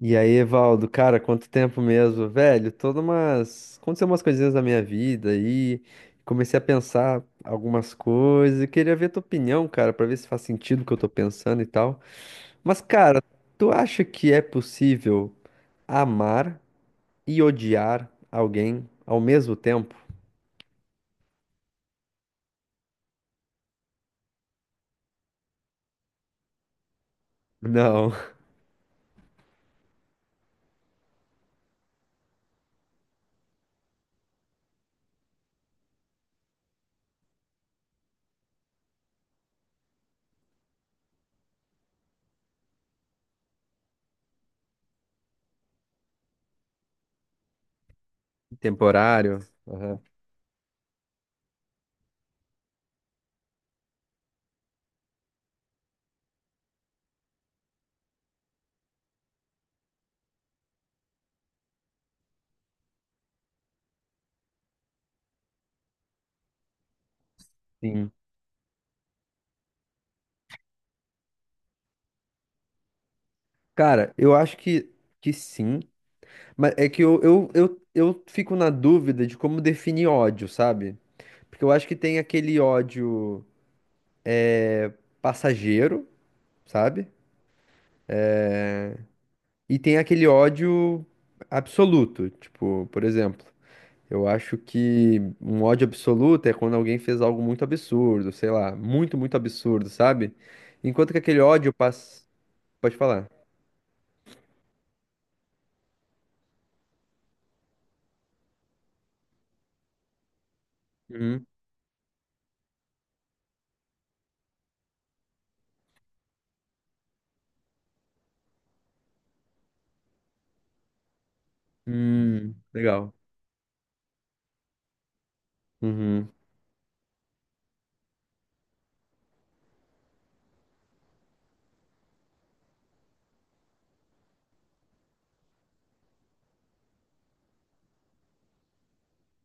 E aí, Evaldo, cara, quanto tempo mesmo, velho? Todas umas. Aconteceu umas coisinhas na minha vida aí. Comecei a pensar algumas coisas e queria ver tua opinião, cara, pra ver se faz sentido o que eu tô pensando e tal. Mas, cara, tu acha que é possível amar e odiar alguém ao mesmo tempo? Não. Temporário? Aham. Sim. Cara, eu acho que sim, mas é que eu fico na dúvida de como definir ódio, sabe? Porque eu acho que tem aquele ódio passageiro, sabe? E tem aquele ódio absoluto. Tipo, por exemplo, eu acho que um ódio absoluto é quando alguém fez algo muito absurdo, sei lá, muito, muito absurdo, sabe? Enquanto que aquele ódio passa. Pode falar. Uhum. Legal. Uhum.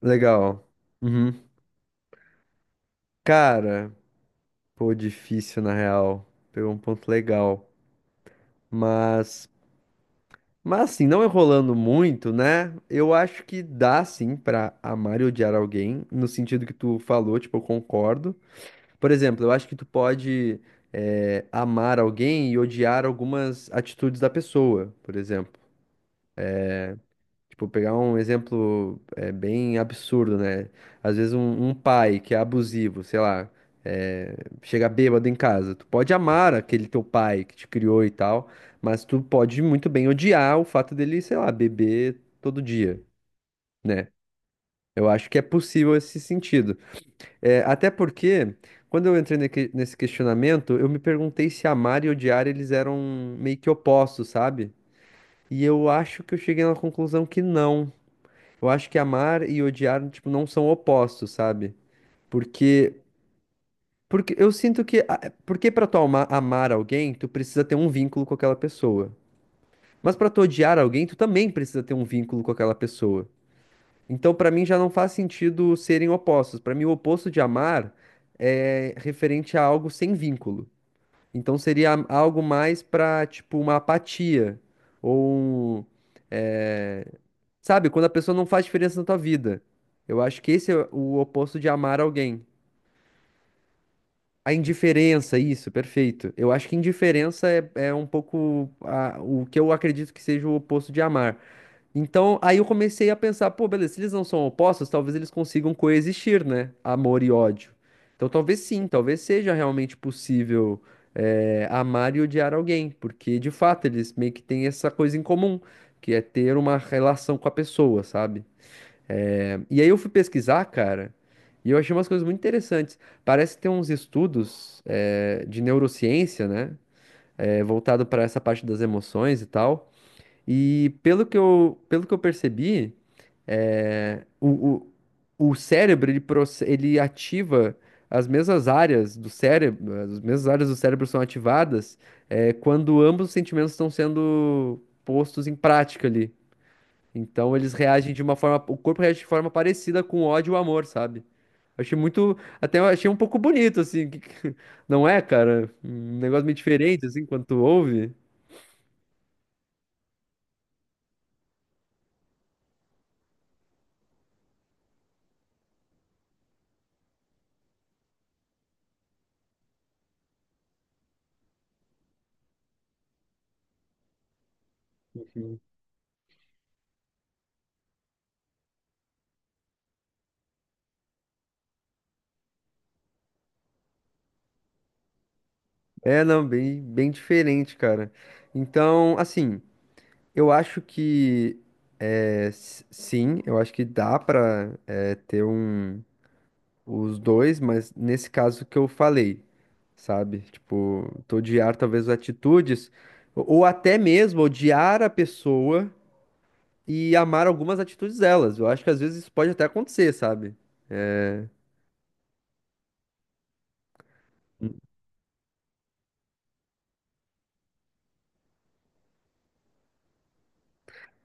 Legal. Uhum. Cara, pô, difícil na real. Pegou um ponto legal. Mas. Mas assim, não enrolando muito, né? Eu acho que dá sim pra amar e odiar alguém, no sentido que tu falou, tipo, eu concordo. Por exemplo, eu acho que tu pode amar alguém e odiar algumas atitudes da pessoa, por exemplo. Tipo, pegar um exemplo bem absurdo, né? Às vezes um pai que é abusivo, sei lá, é, chega bêbado em casa. Tu pode amar aquele teu pai que te criou e tal, mas tu pode muito bem odiar o fato dele, sei lá, beber todo dia, né? Eu acho que é possível esse sentido. É, até porque, quando eu entrei nesse questionamento, eu me perguntei se amar e odiar eles eram meio que opostos, sabe? E eu acho que eu cheguei na conclusão que não. Eu acho que amar e odiar, tipo, não são opostos, sabe? Porque, porque eu sinto que, porque pra tu amar alguém, tu precisa ter um vínculo com aquela pessoa. Mas pra tu odiar alguém, tu também precisa ter um vínculo com aquela pessoa. Então, pra mim já não faz sentido serem opostos. Pra mim, o oposto de amar é referente a algo sem vínculo. Então seria algo mais pra, tipo, uma apatia ou um, é, sabe, quando a pessoa não faz diferença na tua vida. Eu acho que esse é o oposto de amar alguém. A indiferença, isso, perfeito. Eu acho que indiferença é, é um pouco o que eu acredito que seja o oposto de amar. Então, aí eu comecei a pensar, pô, beleza, se eles não são opostos, talvez eles consigam coexistir, né? Amor e ódio. Então, talvez sim, talvez seja realmente possível, amar e odiar alguém, porque de fato eles meio que têm essa coisa em comum, que é ter uma relação com a pessoa, sabe? E aí eu fui pesquisar, cara, e eu achei umas coisas muito interessantes. Parece que tem uns estudos de neurociência, né? Voltado para essa parte das emoções e tal. E pelo que eu percebi, é, o, o cérebro ele, ele ativa as mesmas áreas do cérebro, as mesmas áreas do cérebro são ativadas quando ambos os sentimentos estão sendo postos em prática ali. Então eles reagem de uma forma, o corpo reage de forma parecida com o ódio e o amor, sabe? Achei muito, até eu achei um pouco bonito, assim, não é, cara? Um negócio meio diferente, assim, quando tu ouve. É, não, bem, bem diferente, cara. Então, assim, eu acho que, sim, eu acho que dá pra, é, ter os dois, mas nesse caso que eu falei, sabe? Tipo, tu odiar talvez atitudes, ou até mesmo odiar a pessoa e amar algumas atitudes delas. Eu acho que às vezes isso pode até acontecer, sabe?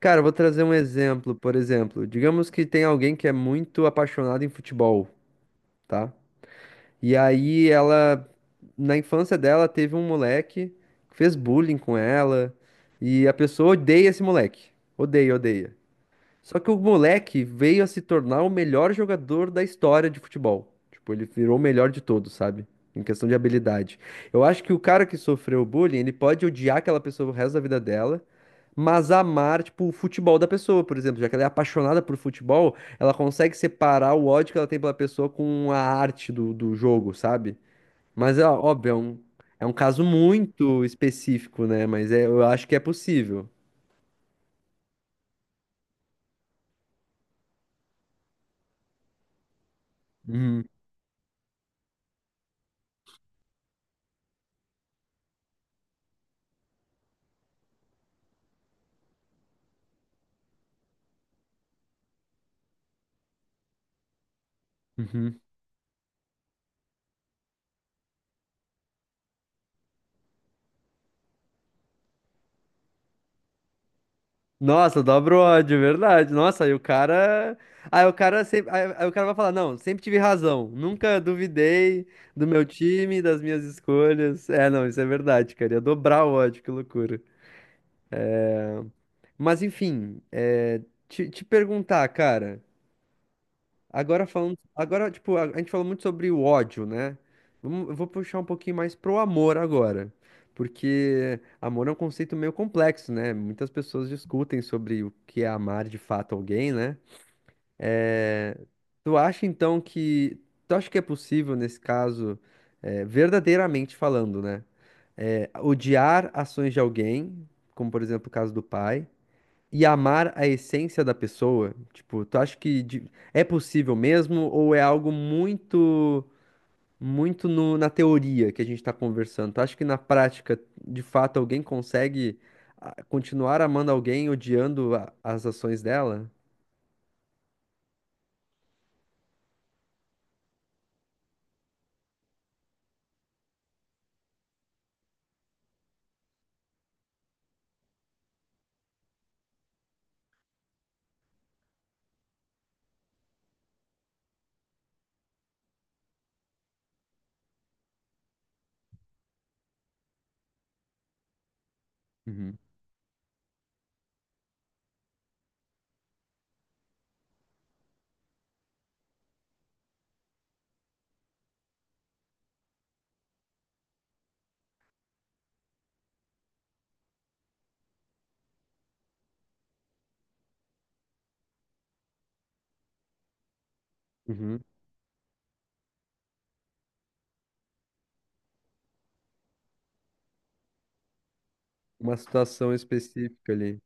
Cara, eu vou trazer um exemplo, por exemplo. Digamos que tem alguém que é muito apaixonado em futebol, tá? E aí ela, na infância dela, teve um moleque que fez bullying com ela, e a pessoa odeia esse moleque. Odeia, odeia. Só que o moleque veio a se tornar o melhor jogador da história de futebol. Tipo, ele virou o melhor de todos, sabe? Em questão de habilidade. Eu acho que o cara que sofreu bullying, ele pode odiar aquela pessoa o resto da vida dela, mas amar, tipo, o futebol da pessoa, por exemplo. Já que ela é apaixonada por futebol, ela consegue separar o ódio que ela tem pela pessoa com a arte do, do jogo, sabe? Mas, ó, óbvio, é um caso muito específico, né? Mas eu acho que é possível. Uhum, uhum. Nossa, dobra o ódio, é verdade. Nossa, aí o cara. Aí o cara sempre. Aí, aí o cara vai falar, não, sempre tive razão. Nunca duvidei do meu time, das minhas escolhas. É, não, isso é verdade, cara. Ia dobrar o ódio, que loucura. Mas enfim, te, te perguntar, cara. Agora falando. Agora, tipo, a gente falou muito sobre o ódio, né? Vamos, eu vou puxar um pouquinho mais pro amor agora. Porque amor é um conceito meio complexo, né? Muitas pessoas discutem sobre o que é amar de fato alguém, né? Tu acha então que. Tu acha que é possível, nesse caso, verdadeiramente falando, né? Odiar ações de alguém, como por exemplo o caso do pai, e amar a essência da pessoa? Tipo, tu acha que é possível mesmo ou é algo muito, na teoria que a gente tá conversando? Tu acha que na prática, de fato, alguém consegue continuar amando alguém odiando as ações dela? Uhum. Uhum. Uma situação específica ali.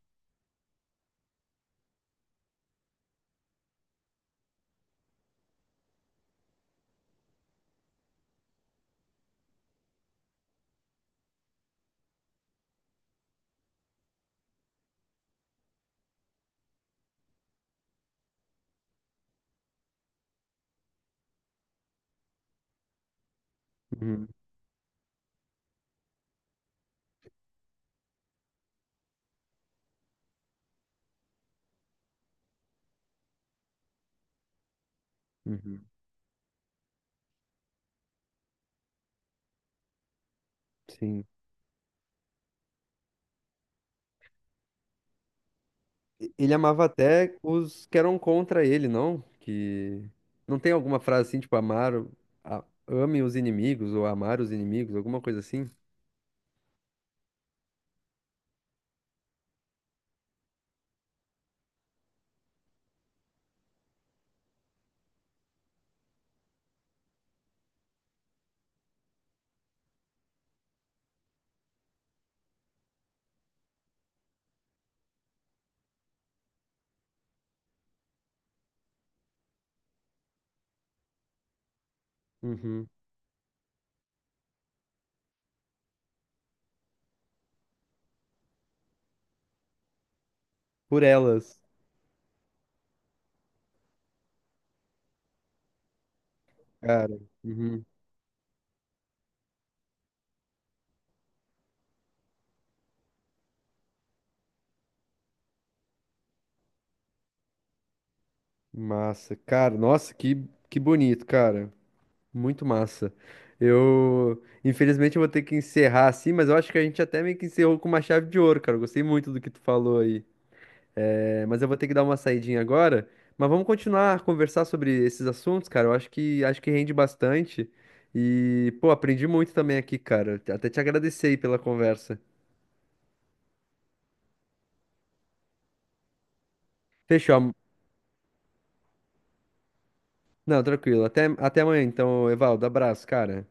Uhum, uhum, sim. Ele amava até os que eram contra ele, não? Que não tem alguma frase assim, tipo, ame os inimigos ou amar os inimigos, alguma coisa assim? Uhum. Por elas, cara. Uhum. Massa, cara. Nossa, que bonito, cara. Muito massa. Eu, infelizmente, eu vou ter que encerrar assim, mas eu acho que a gente até meio que encerrou com uma chave de ouro, cara. Eu gostei muito do que tu falou aí. É, mas eu vou ter que dar uma saidinha agora. Mas vamos continuar a conversar sobre esses assuntos, cara. Eu acho que rende bastante. E, pô, aprendi muito também aqui, cara. Até te agradecer aí pela conversa. Fechou. Não, tranquilo. Até, até amanhã, então, Evaldo. Abraço, cara.